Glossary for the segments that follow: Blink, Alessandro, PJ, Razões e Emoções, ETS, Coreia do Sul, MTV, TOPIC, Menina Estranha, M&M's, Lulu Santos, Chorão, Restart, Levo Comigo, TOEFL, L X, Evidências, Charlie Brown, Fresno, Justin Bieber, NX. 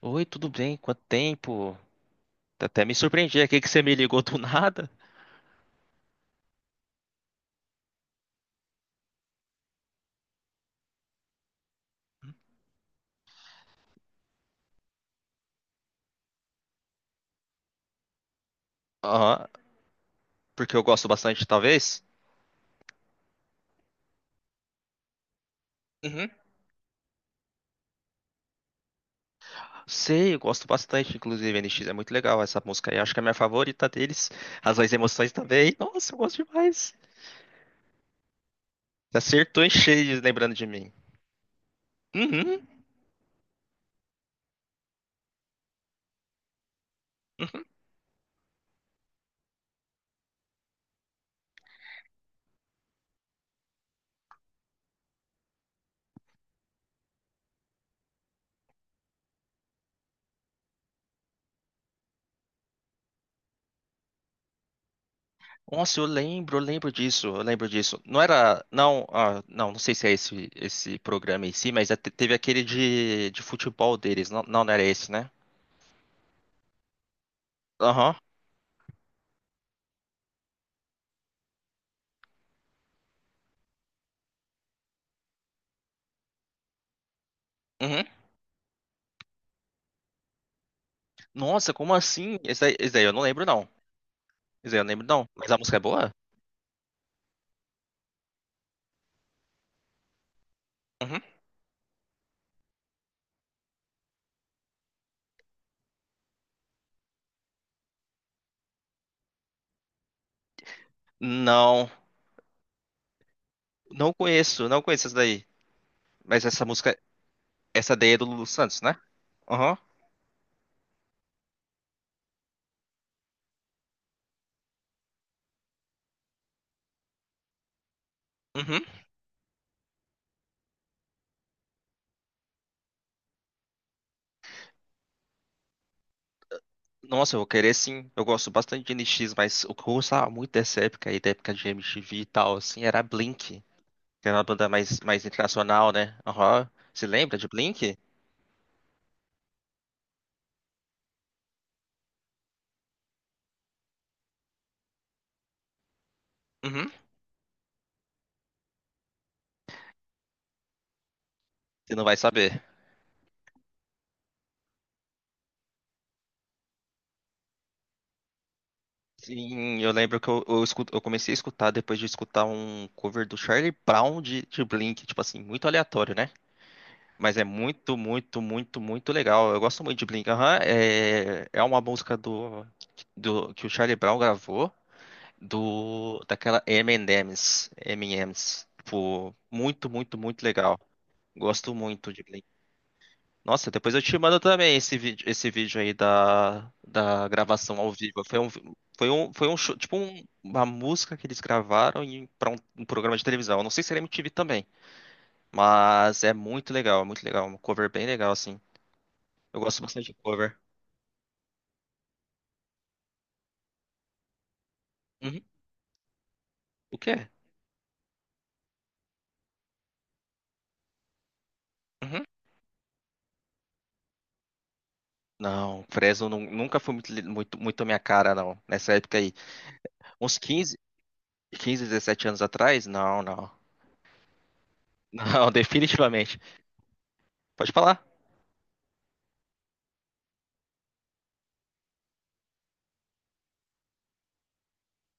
Oi, tudo bem? Quanto tempo? Até me surpreendi aqui que você me ligou do nada. Aham, porque eu gosto bastante, talvez? Uhum. Sei, eu gosto bastante, inclusive, NX é muito legal essa música aí. Acho que é a minha favorita deles. Razões e Emoções também. Nossa, eu gosto demais. Você acertou em cheio, lembrando de mim. Uhum. Uhum. Nossa, eu lembro disso, eu lembro disso. Não era, não. Ah, não, não sei se é esse programa em si, mas teve aquele de futebol deles. Não, não, não era esse, né? Aham. Uhum. Nossa, como assim? Esse daí eu não lembro, não. Esse daí eu não lembro, não. Mas a música é boa? Uhum. Não, não conheço, não conheço essa daí. Mas essa música, essa daí é do Lulu Santos, né? Aham. Uhum. Nossa, eu vou querer sim. Eu gosto bastante de NX, mas o que eu gostava muito dessa época aí, da época de MTV e tal, assim, era Blink, que era uma banda mais internacional, né? Aham. Você lembra de Blink? Uhum. Você não vai saber. Sim, eu lembro que eu comecei a escutar depois de escutar um cover do Charlie Brown de Blink, tipo assim, muito aleatório, né? Mas é muito, muito, muito, muito legal. Eu gosto muito de Blink. Aham, é uma música do que o Charlie Brown gravou do daquela M&M's, M&M's. Tipo, muito, muito, muito legal. Gosto muito de Blink. Nossa, depois eu te mando também esse vídeo aí da gravação ao vivo. Foi um show, tipo uma música que eles gravaram para um programa de televisão. Eu não sei se era MTV também, mas é muito legal, um cover bem legal assim. Eu gosto bastante de cover. Uhum. O quê? Uhum. Não, Fresno nunca foi muito, muito, muito a minha cara, não. Nessa época aí, uns 15, quinze, 17 anos atrás, não, não. Não, definitivamente. Pode falar.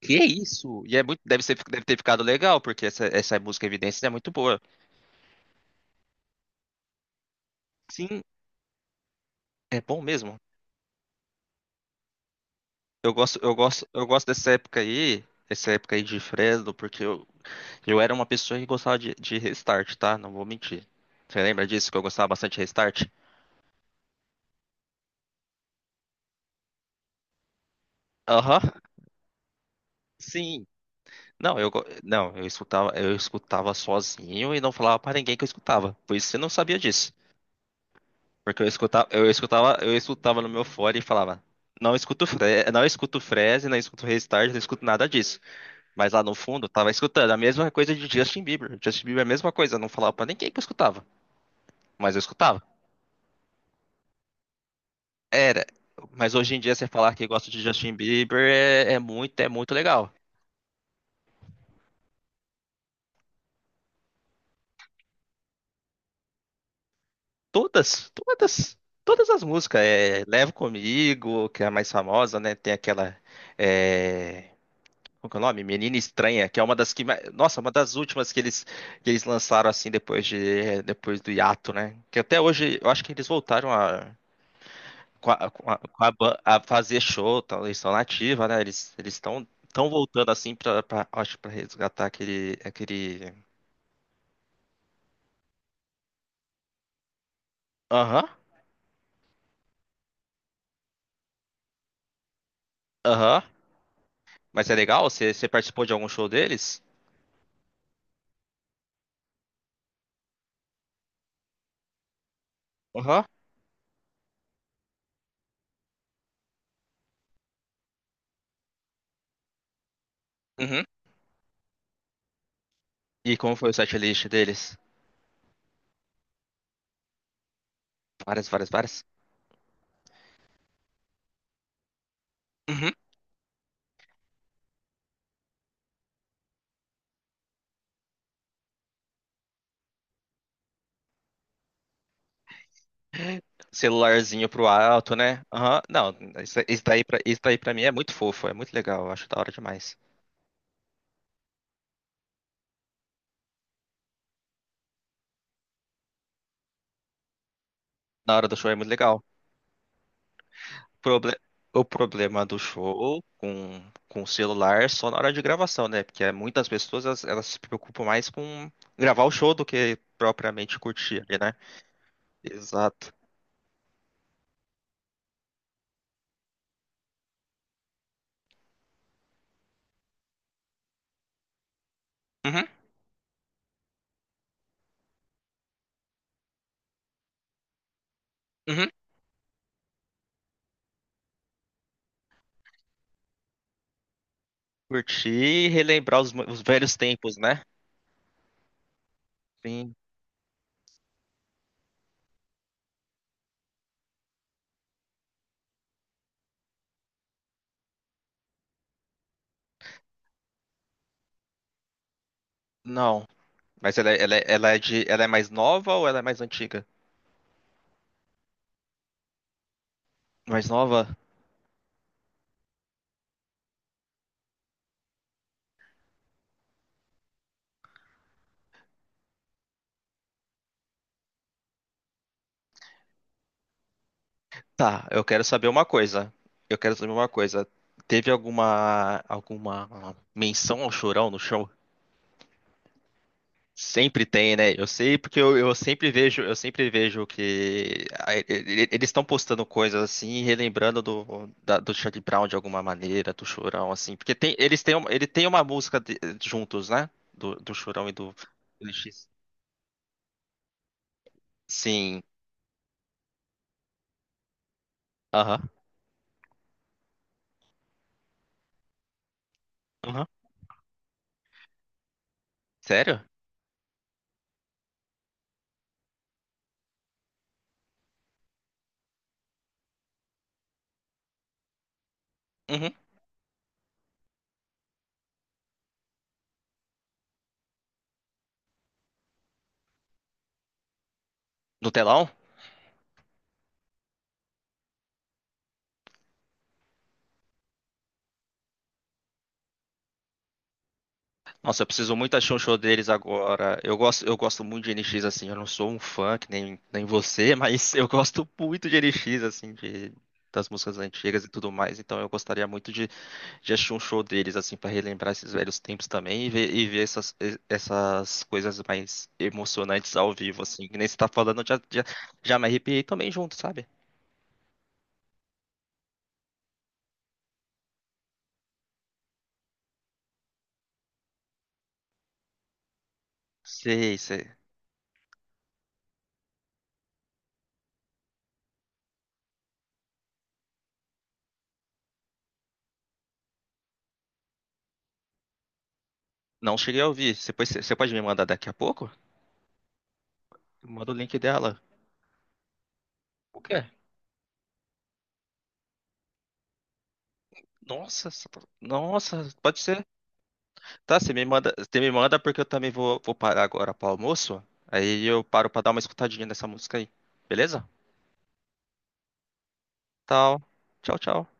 Que é isso? E é muito, deve ser, deve ter ficado legal, porque essa música Evidências é muito boa. Sim, é bom mesmo. Eu gosto, eu gosto, eu gosto dessa época aí, essa época aí de Fresno, porque eu era uma pessoa que gostava de Restart, tá? Não vou mentir. Você lembra disso que eu gostava bastante de Restart? Aham. Sim. Não, não, eu escutava, sozinho e não falava pra ninguém que eu escutava. Por isso você não sabia disso. Porque eu escutava, eu escutava no meu fone e falava, não escuto Fre não escuto Freeze, não escuto Restart, não escuto nada disso. Mas lá no fundo, eu tava escutando a mesma coisa de Justin Bieber. Justin Bieber é a mesma coisa, eu não falava pra ninguém que eu escutava, mas eu escutava. Era. Mas hoje em dia, você falar que gosta de Justin Bieber é muito, é muito legal. Todas, todas, todas as músicas. É, Levo Comigo, que é a mais famosa, né? Tem aquela. é, Qual que é o nome? Menina Estranha, que é uma das que, nossa, uma das últimas que eles lançaram assim depois do hiato, né? Que até hoje eu acho que eles voltaram a fazer show, tal, eles estão na ativa, né? Eles estão voltando assim para, acho, para resgatar aquele... Aham. Aham. Mas é legal, você participou de algum show deles? Aham. Uhum. E como foi o setlist deles? Várias, várias, várias. Celularzinho pro alto, né? Aham. Não, isso, isso daí pra mim é muito fofo, é muito legal, eu acho da hora demais. Na hora do show é muito legal. Proble- o problema do show com o celular é só na hora de gravação, né? Porque muitas pessoas elas se preocupam mais com gravar o show do que propriamente curtir, ali, né? Exato. Uhum, uhum. Curtir e relembrar os velhos tempos, né? Sim. Não. Mas ela ela é mais nova ou ela é mais antiga? Mais nova? Tá, eu quero saber uma coisa. Eu quero saber uma coisa. Teve alguma menção ao Chorão no show? Sempre tem, né? Eu sei porque eu sempre vejo, que eles estão postando coisas assim, relembrando do da, do Charlie Brown de alguma maneira, do Chorão assim, porque tem, eles têm, ele tem uma música juntos, né? Do Chorão e do L X. Sim. Aham. Aham. Sério? Uhum. No telão? Nossa, eu preciso muito achar um show deles agora. Eu gosto muito de NX, assim. Eu não sou um fã, que nem você, mas eu gosto muito de NX, assim, das músicas antigas e tudo mais. Então eu gostaria muito de achar um show deles, assim, pra relembrar esses velhos tempos também e ver, essas, essas coisas mais emocionantes ao vivo, assim. Que nem você tá falando, eu já, já, já me arrepiei também junto, sabe? Sei, sei. Não cheguei a ouvir. Você pode me mandar daqui a pouco? Manda o link dela. O quê? Nossa, tá, nossa, pode ser. Tá, você me manda porque eu também vou parar agora pro almoço. Aí eu paro pra dar uma escutadinha nessa música aí. Beleza? Tal. Tchau, tchau.